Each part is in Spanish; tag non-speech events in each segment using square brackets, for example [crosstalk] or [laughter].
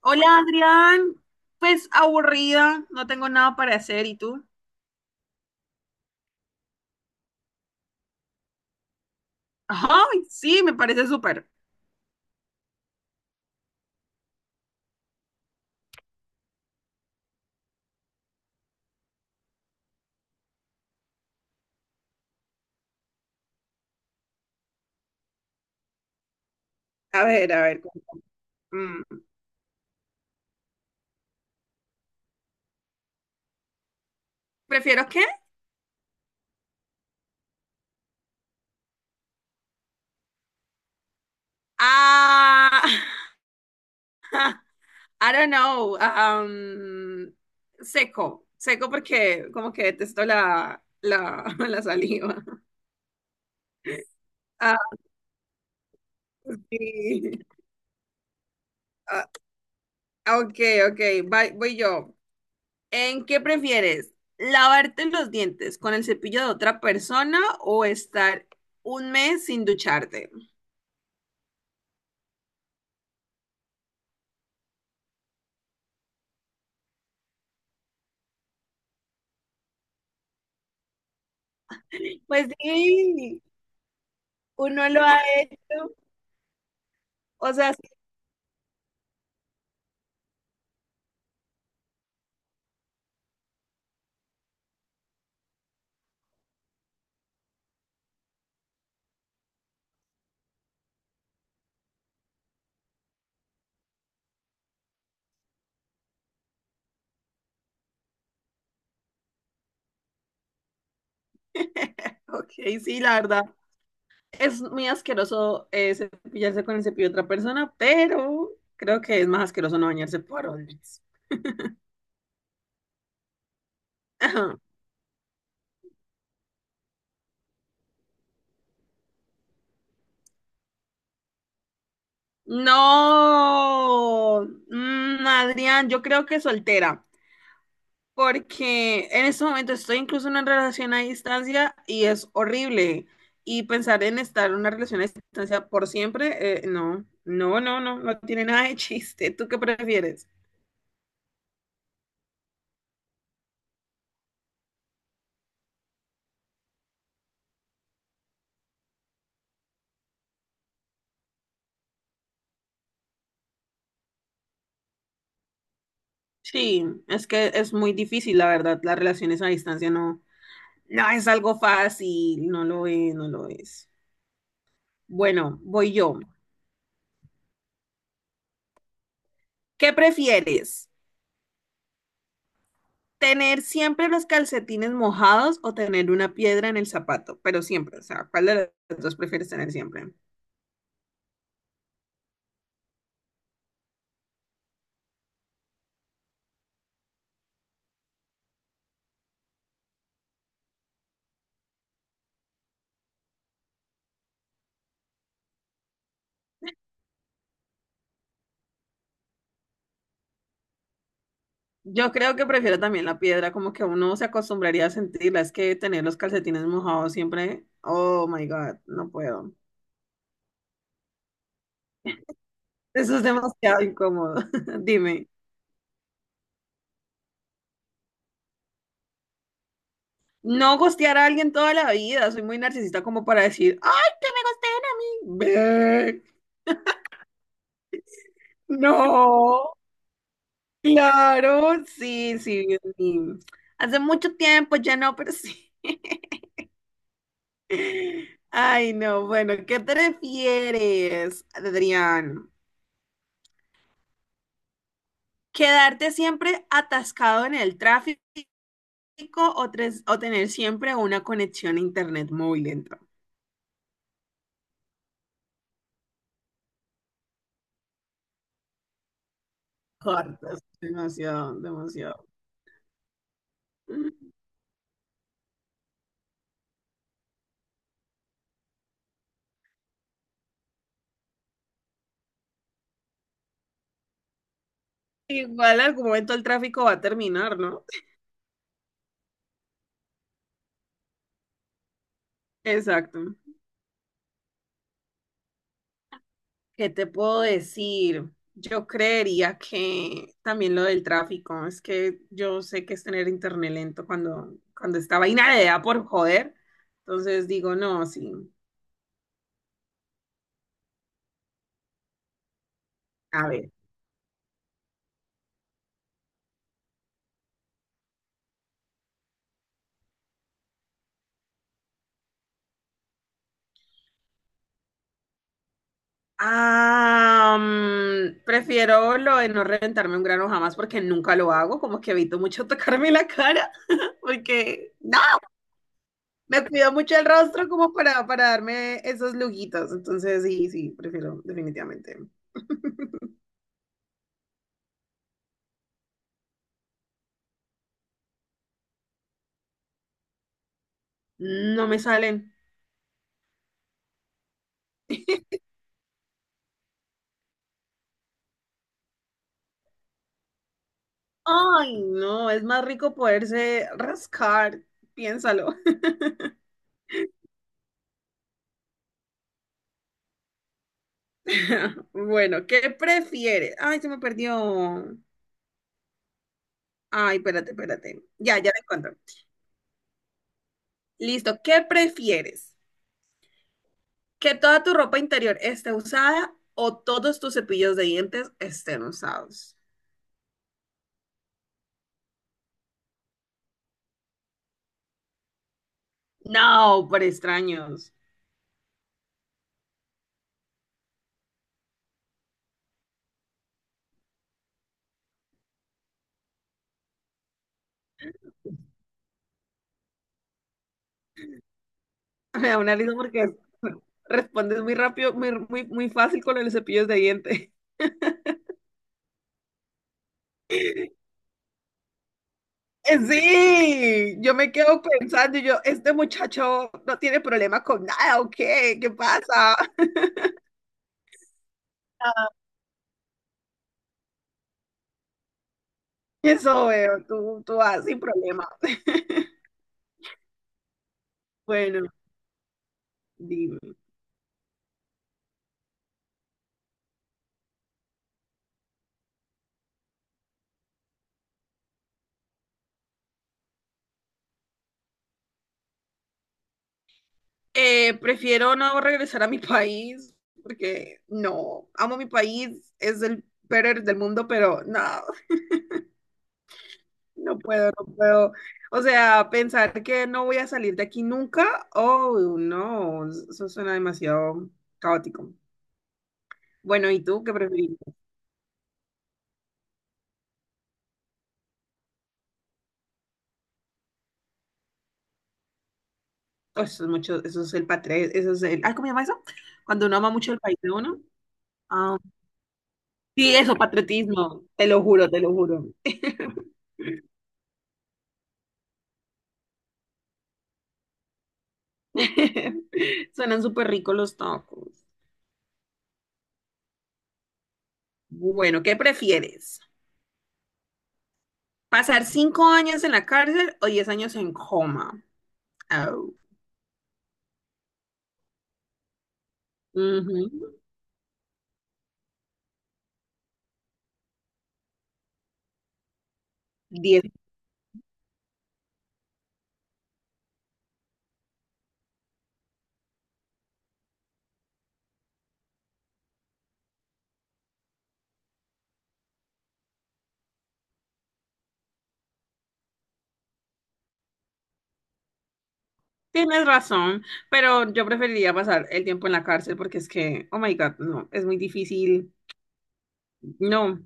Hola Adrián, pues aburrida, no tengo nada para hacer, ¿y tú? Ay, sí, me parece súper. A ver, a ver, cuéntame. Mm, ¿prefiero qué? Ah, [laughs] I don't know. Seco, seco porque como que detesto [laughs] la saliva. Ah, sí. Ah, ok, ok, voy yo. ¿En qué prefieres? ¿Lavarte los dientes con el cepillo de otra persona o estar 1 mes sin ducharte? Pues sí, uno lo ha hecho. O sea, sí, ok, sí, la verdad. Es muy asqueroso, cepillarse con el cepillo de otra persona, pero creo que es más asqueroso no bañarse por 1 mes. Ajá. No, mm, Adrián, yo creo que soltera, porque en este momento estoy incluso en una relación a distancia y es horrible. Y pensar en estar en una relación a distancia por siempre, no, no, no, no, no tiene nada de [laughs] chiste. ¿Tú qué prefieres? Sí, es que es muy difícil, la verdad, las relaciones a distancia no, no es algo fácil, no lo es, no lo es. Bueno, voy yo. ¿Qué prefieres? ¿Tener siempre los calcetines mojados o tener una piedra en el zapato? Pero siempre, o sea, ¿cuál de los dos prefieres tener siempre? Yo creo que prefiero también la piedra, como que uno se acostumbraría a sentirla. Es que tener los calcetines mojados siempre, oh my God, no puedo. Eso es demasiado incómodo. [laughs] Dime. No gostear a alguien toda la vida, soy muy narcisista como para decir, ¡ay, que me gosteen a mí! Ve, no, claro, sí, sí, Dios mío. Hace mucho tiempo ya no, pero sí. Ay, no, bueno, ¿qué prefieres, Adrián? ¿Quedarte siempre atascado en el tráfico o, o tener siempre una conexión a internet muy lenta? Cortas, demasiado, demasiado. Igual algún momento el tráfico va a terminar, ¿no? Exacto. ¿Qué te puedo decir? Yo creería que también lo del tráfico, es que yo sé que es tener internet lento cuando, cuando esta vaina de da por joder. Entonces digo, no, sí. A ver. Ah, mm, prefiero lo de no reventarme un grano jamás porque nunca lo hago, como que evito mucho [laughs] tocarme la cara, [laughs] porque me cuido mucho el rostro como para darme esos lujitos. Entonces, sí, sí, prefiero definitivamente. No me salen. Ay, no, es más rico poderse rascar. Piénsalo. [laughs] [laughs] Bueno, ¿qué prefieres? Ay, se me perdió. Ay, espérate, espérate. Ya, ya te cuento. Listo, ¿qué prefieres? ¿Que toda tu ropa interior esté usada o todos tus cepillos de dientes estén usados? No, por extraños. [laughs] Me da una risa porque respondes muy rápido, muy fácil con los cepillos de diente. [laughs] Sí, yo me quedo pensando, y yo, este muchacho no tiene problema con nada, ¿o qué? ¿Qué pasa? [laughs] Eso veo, tú vas sin problema. [laughs] Bueno, dime. Prefiero no regresar a mi país porque no, amo mi país, es el peor del mundo, pero no, no puedo, no puedo. O sea, pensar que no voy a salir de aquí nunca, oh, no, eso suena demasiado caótico. Bueno, ¿y tú qué preferís? Oh, eso es mucho, eso es el patriotismo, eso es el, ay, ¿cómo se llama eso? Cuando uno ama mucho el país de uno. Ah, sí, eso, patriotismo, te lo juro, te lo juro. [laughs] Suenan súper ricos los tacos. Bueno, ¿qué prefieres? ¿Pasar 5 años en la cárcel o 10 años en coma? Au. Ujú. Diez. Tienes razón, pero yo preferiría pasar el tiempo en la cárcel porque es que, oh my God, no, es muy difícil. No,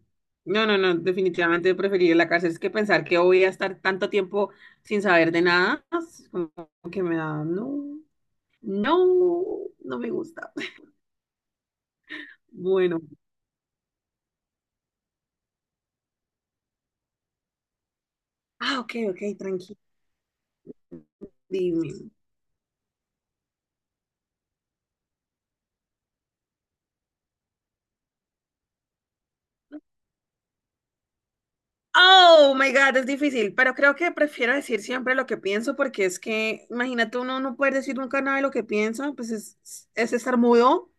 no, no, no, definitivamente preferiría la cárcel. Es que pensar que voy a estar tanto tiempo sin saber de nada, es como que me da, no, no, no me gusta. Bueno, ah, ok, ok, tranquilo, dime. Oh my God, es difícil, pero creo que prefiero decir siempre lo que pienso porque es que, imagínate uno no puede decir nunca nada de lo que piensa, pues es estar mudo.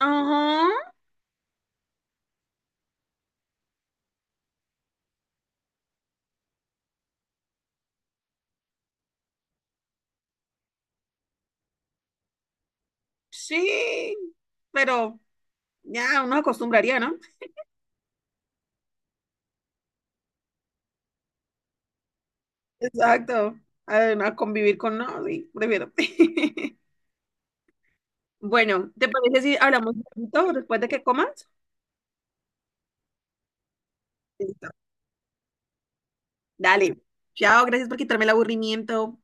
Ajá, sí, pero ya uno acostumbraría, ¿no? Exacto, a convivir con no, sí, prefiero. [laughs] Bueno, ¿te parece si hablamos un poquito después de que comas? Listo. Dale. Chao, gracias por quitarme el aburrimiento.